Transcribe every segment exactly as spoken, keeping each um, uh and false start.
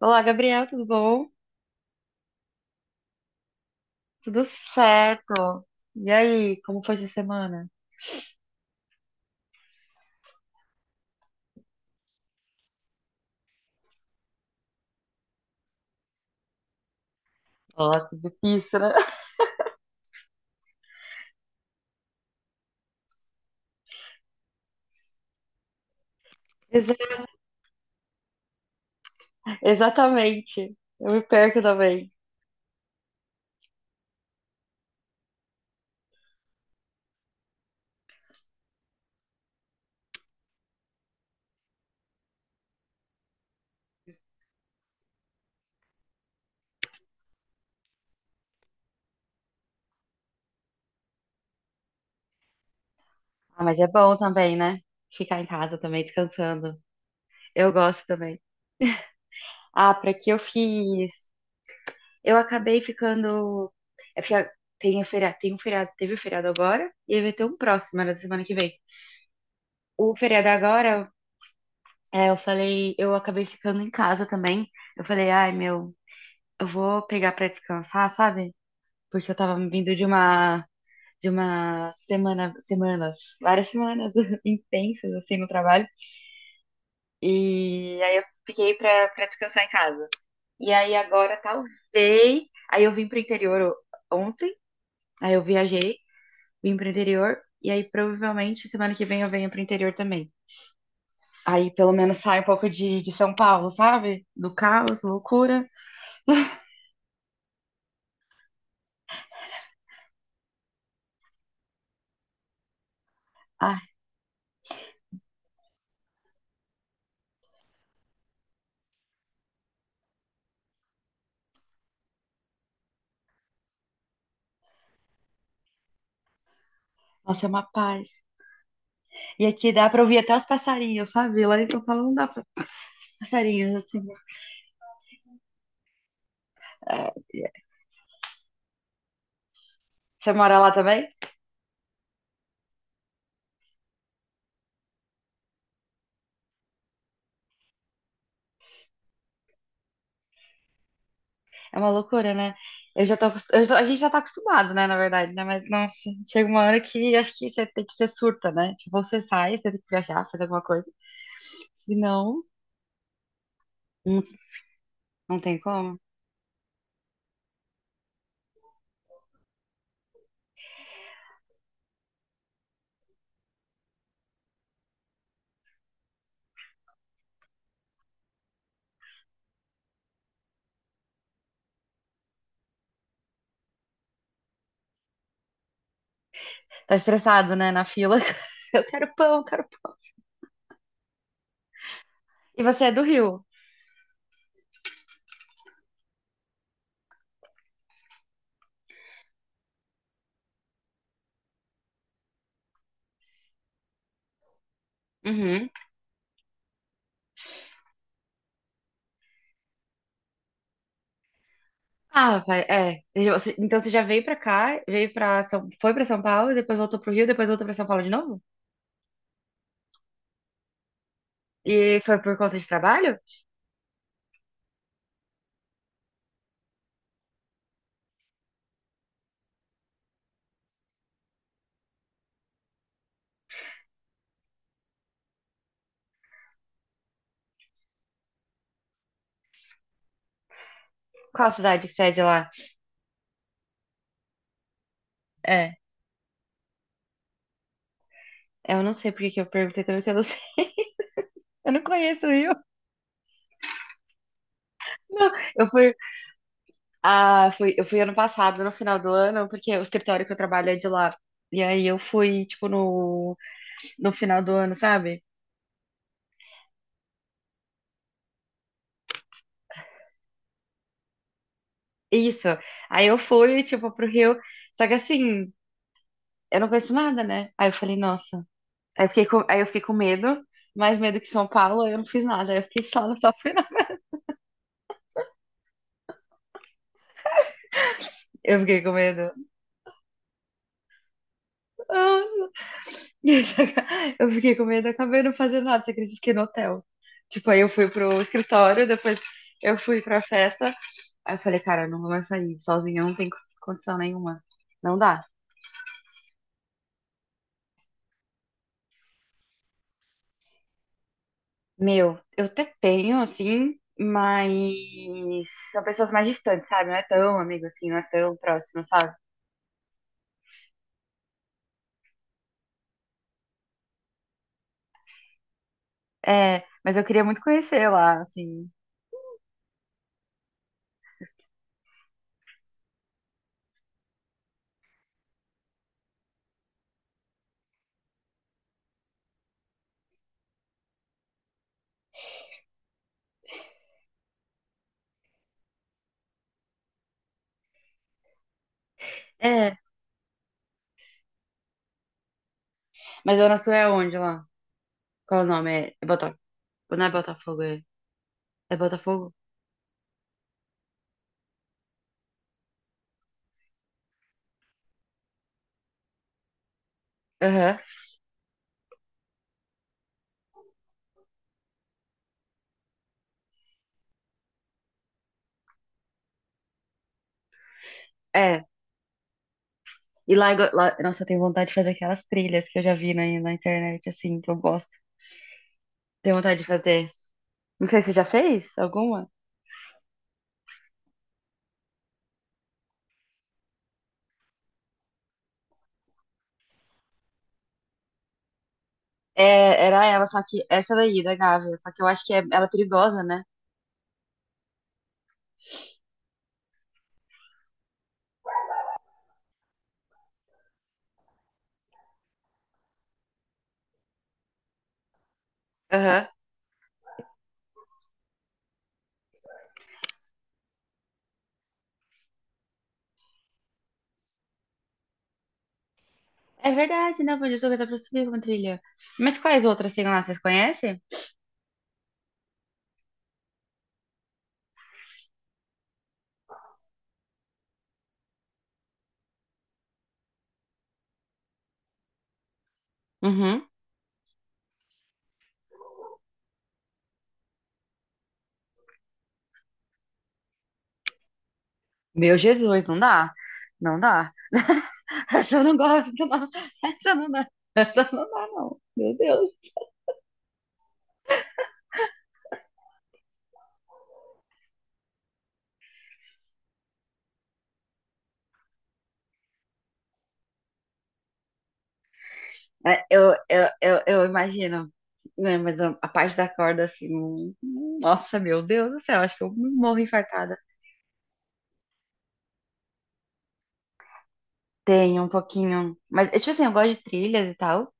Olá, Gabriel, tudo bom? Tudo certo. E aí, como foi essa semana? Nossa, difícil, né? Exa- Exatamente. Eu me perco também. Ah, mas é bom também, né? Ficar em casa também, descansando. Eu gosto também. Ah, pra que eu fiz? Eu acabei ficando. É porque a- tem, o feriado, tem um feriado, teve o feriado agora e aí vai ter um próximo, era da semana que vem. O feriado agora, é, eu falei, eu acabei ficando em casa também. Eu falei, ai, meu. Eu vou pegar pra descansar, sabe? Porque eu tava vindo de uma de uma semana, semanas, várias semanas intensas assim no trabalho. E aí eu fiquei pra, pra descansar em casa. E aí agora talvez, aí eu vim pro interior o- ontem, aí eu viajei, vim pro interior e aí provavelmente semana que vem eu venho pro interior também. Aí pelo menos sai um pouco de, de São Paulo, sabe? Do caos, loucura. Ai, nossa, é uma paz. E aqui dá pra ouvir até os passarinhos, sabe? Lá em São Paulo não dá pra passarinhos, assim. É, você mora lá também? É uma loucura, né? Eu já tô, acos- eu já- tô- A gente já tá acostumado, né, na verdade, né? Mas, nossa, chega uma hora que acho que você tem que ser surta, né? Tipo, ou você sai, você tem que viajar, fazer alguma coisa. Senão, não, não tem como. Tá estressado, né, na fila. Eu quero pão, eu quero pão. E você é do Rio? Uhum. Ah, vai, é. Você- Então você já veio pra cá, veio pra São, foi pra São Paulo, depois voltou pro Rio, depois voltou pra São Paulo de novo? E foi por conta de trabalho? Qual cidade que sede lá? É. É, eu não sei por que que eu perguntei também, porque eu não sei. Eu não conheço o Rio. Não, eu fui, ah, fui, eu fui ano passado, no final do ano, porque o escritório que eu trabalho é de lá. E aí eu fui, tipo, no, no final do ano, sabe? Isso. Aí eu fui, tipo, pro Rio. Só que assim, eu não conheço nada, né? Aí eu falei, nossa. Aí eu fiquei com, aí eu fiquei com medo, mais medo que São Paulo, eu não fiz nada. Aí eu fiquei só no sofri nada. Eu fiquei com medo. Nossa. Eu fiquei com medo, acabei não fazendo nada, você acredita? Fiquei no hotel. Tipo, aí eu fui pro escritório, depois eu fui pra festa. Aí eu falei, cara, eu não vou mais sair sozinha, não tem condição nenhuma. Não dá. Meu, eu até tenho, assim, mas são pessoas mais distantes, sabe? Não é tão amigo assim, não é tão próximo, sabe? É, mas eu queria muito conhecer lá, assim. É, mas Zona Sul é onde lá? Qual é o nome? É, é Botafogo. Não é Botafogo, é, é Botafogo? Aham. É. E lá, é go- lá, nossa, eu tenho vontade de fazer aquelas trilhas que eu já vi na, na internet, assim, que eu gosto. Tenho vontade de fazer. Não sei se você já fez alguma. É, era ela, só que essa daí, da Gávea. Só que eu acho que é, ela é perigosa, né? Aham. É verdade, né? Pode jogar dá pra subir uma trilha. Mas quais outras tem lá? Vocês conhecem? Uhum. Meu Jesus, não dá. Não dá. Essa eu não gosto, não. Essa não dá. Essa não dá, não. Meu Deus. É, eu, eu, eu, eu imagino, né, mas a, a parte da corda, assim. hum, hum, Nossa, meu Deus do céu. Acho que eu morro infartada. Tenho um pouquinho. Mas, tipo assim, eu gosto de trilhas e tal.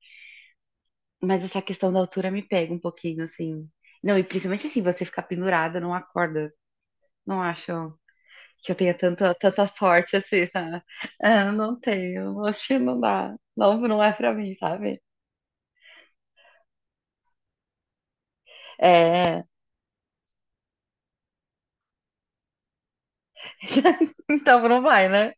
Mas essa questão da altura me pega um pouquinho, assim. Não, e principalmente assim, você ficar pendurada numa corda. Não acho que eu tenha tanta, tanta sorte assim, sabe? É, eu não tenho, acho que não dá. Não, não é pra mim, sabe? É. Então não vai, né?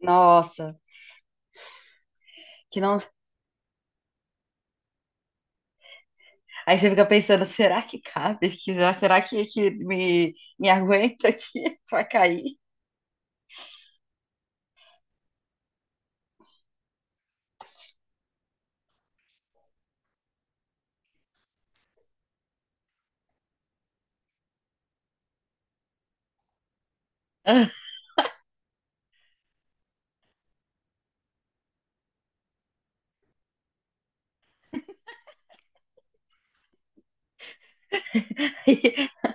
Nossa, que não. Aí você fica pensando, será que cabe? Que- Será que, que me, me aguenta aqui pra cair?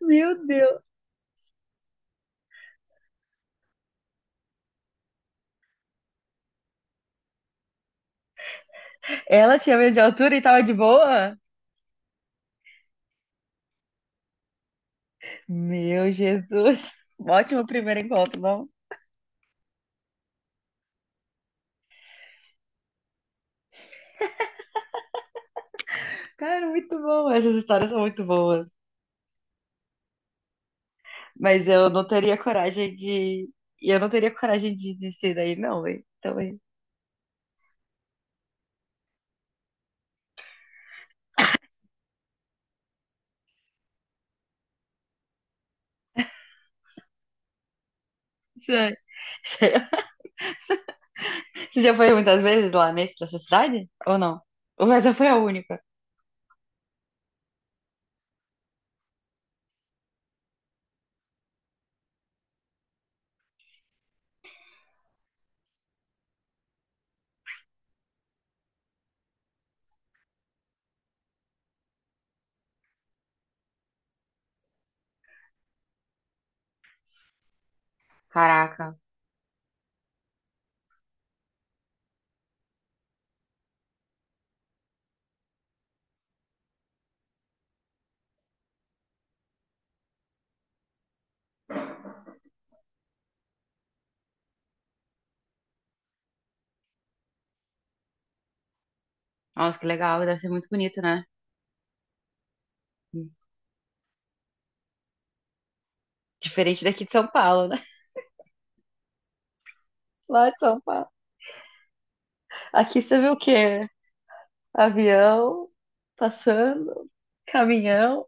Meu Deus. Ela tinha medo de altura e tava de boa? Meu Jesus. Ótimo primeiro encontro, não? Cara, muito bom. Essas histórias são muito boas. Mas eu não teria coragem de. e Eu não teria coragem de descer daí, não, hein? Então, hein? Isso é- isso é- Você já foi muitas vezes lá nesse, nessa cidade? Ou não? Ou essa foi a única? Caraca. Nossa, que legal. Deve ser muito bonito, né? Diferente daqui de São Paulo, né? Lá de São Paulo. Aqui você vê o quê? Avião passando, caminhão,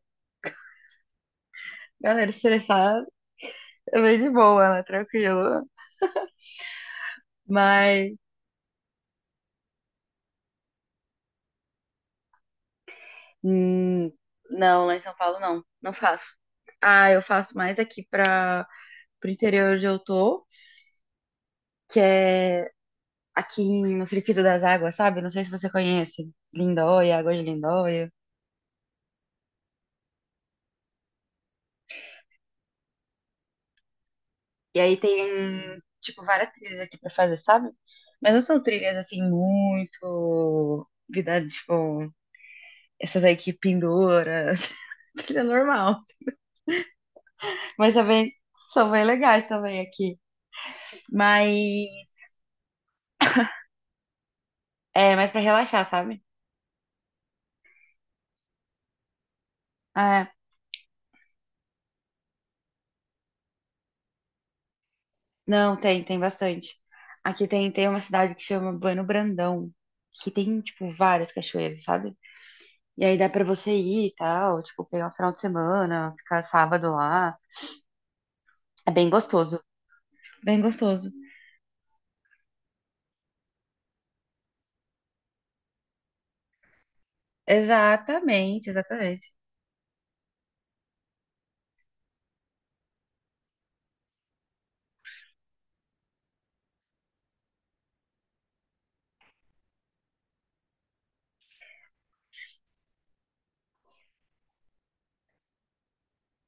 galera estressada. É bem de boa, né? Tranquilo. Mas. Hum, não, lá em São Paulo não, não faço. Ah, eu faço mais aqui para o interior onde eu tô, que é aqui em- no Circuito das Águas, sabe? Não sei se você conhece. Lindóia, Água de Lindóia. E aí tem, tipo, várias trilhas aqui pra fazer, sabe? Mas não são trilhas, assim, muito... Vida, tipo, essas aí que pendura, trilha normal. Mas também são bem legais também aqui. Mas é mais pra relaxar, sabe? Ah, não, tem, tem bastante. Aqui tem, tem uma cidade que chama Bueno Brandão, que tem, tipo, várias cachoeiras, sabe? E aí dá pra você ir e tal, tipo, pegar um final de semana, ficar sábado lá. É bem gostoso, bem gostoso. Exatamente, exatamente.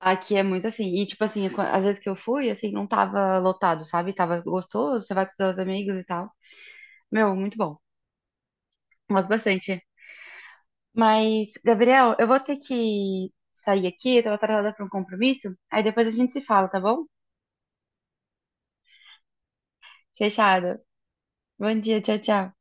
Aqui é muito assim, e tipo assim, qu- às vezes que eu fui, assim, não tava lotado, sabe? Tava gostoso, você vai com seus amigos e tal. Meu, muito bom. Gosto bastante. Mas, Gabriel, eu vou ter que sair aqui, eu tô atrasada para um compromisso. Aí depois a gente se fala, tá bom? Fechado. Bom dia, tchau, tchau.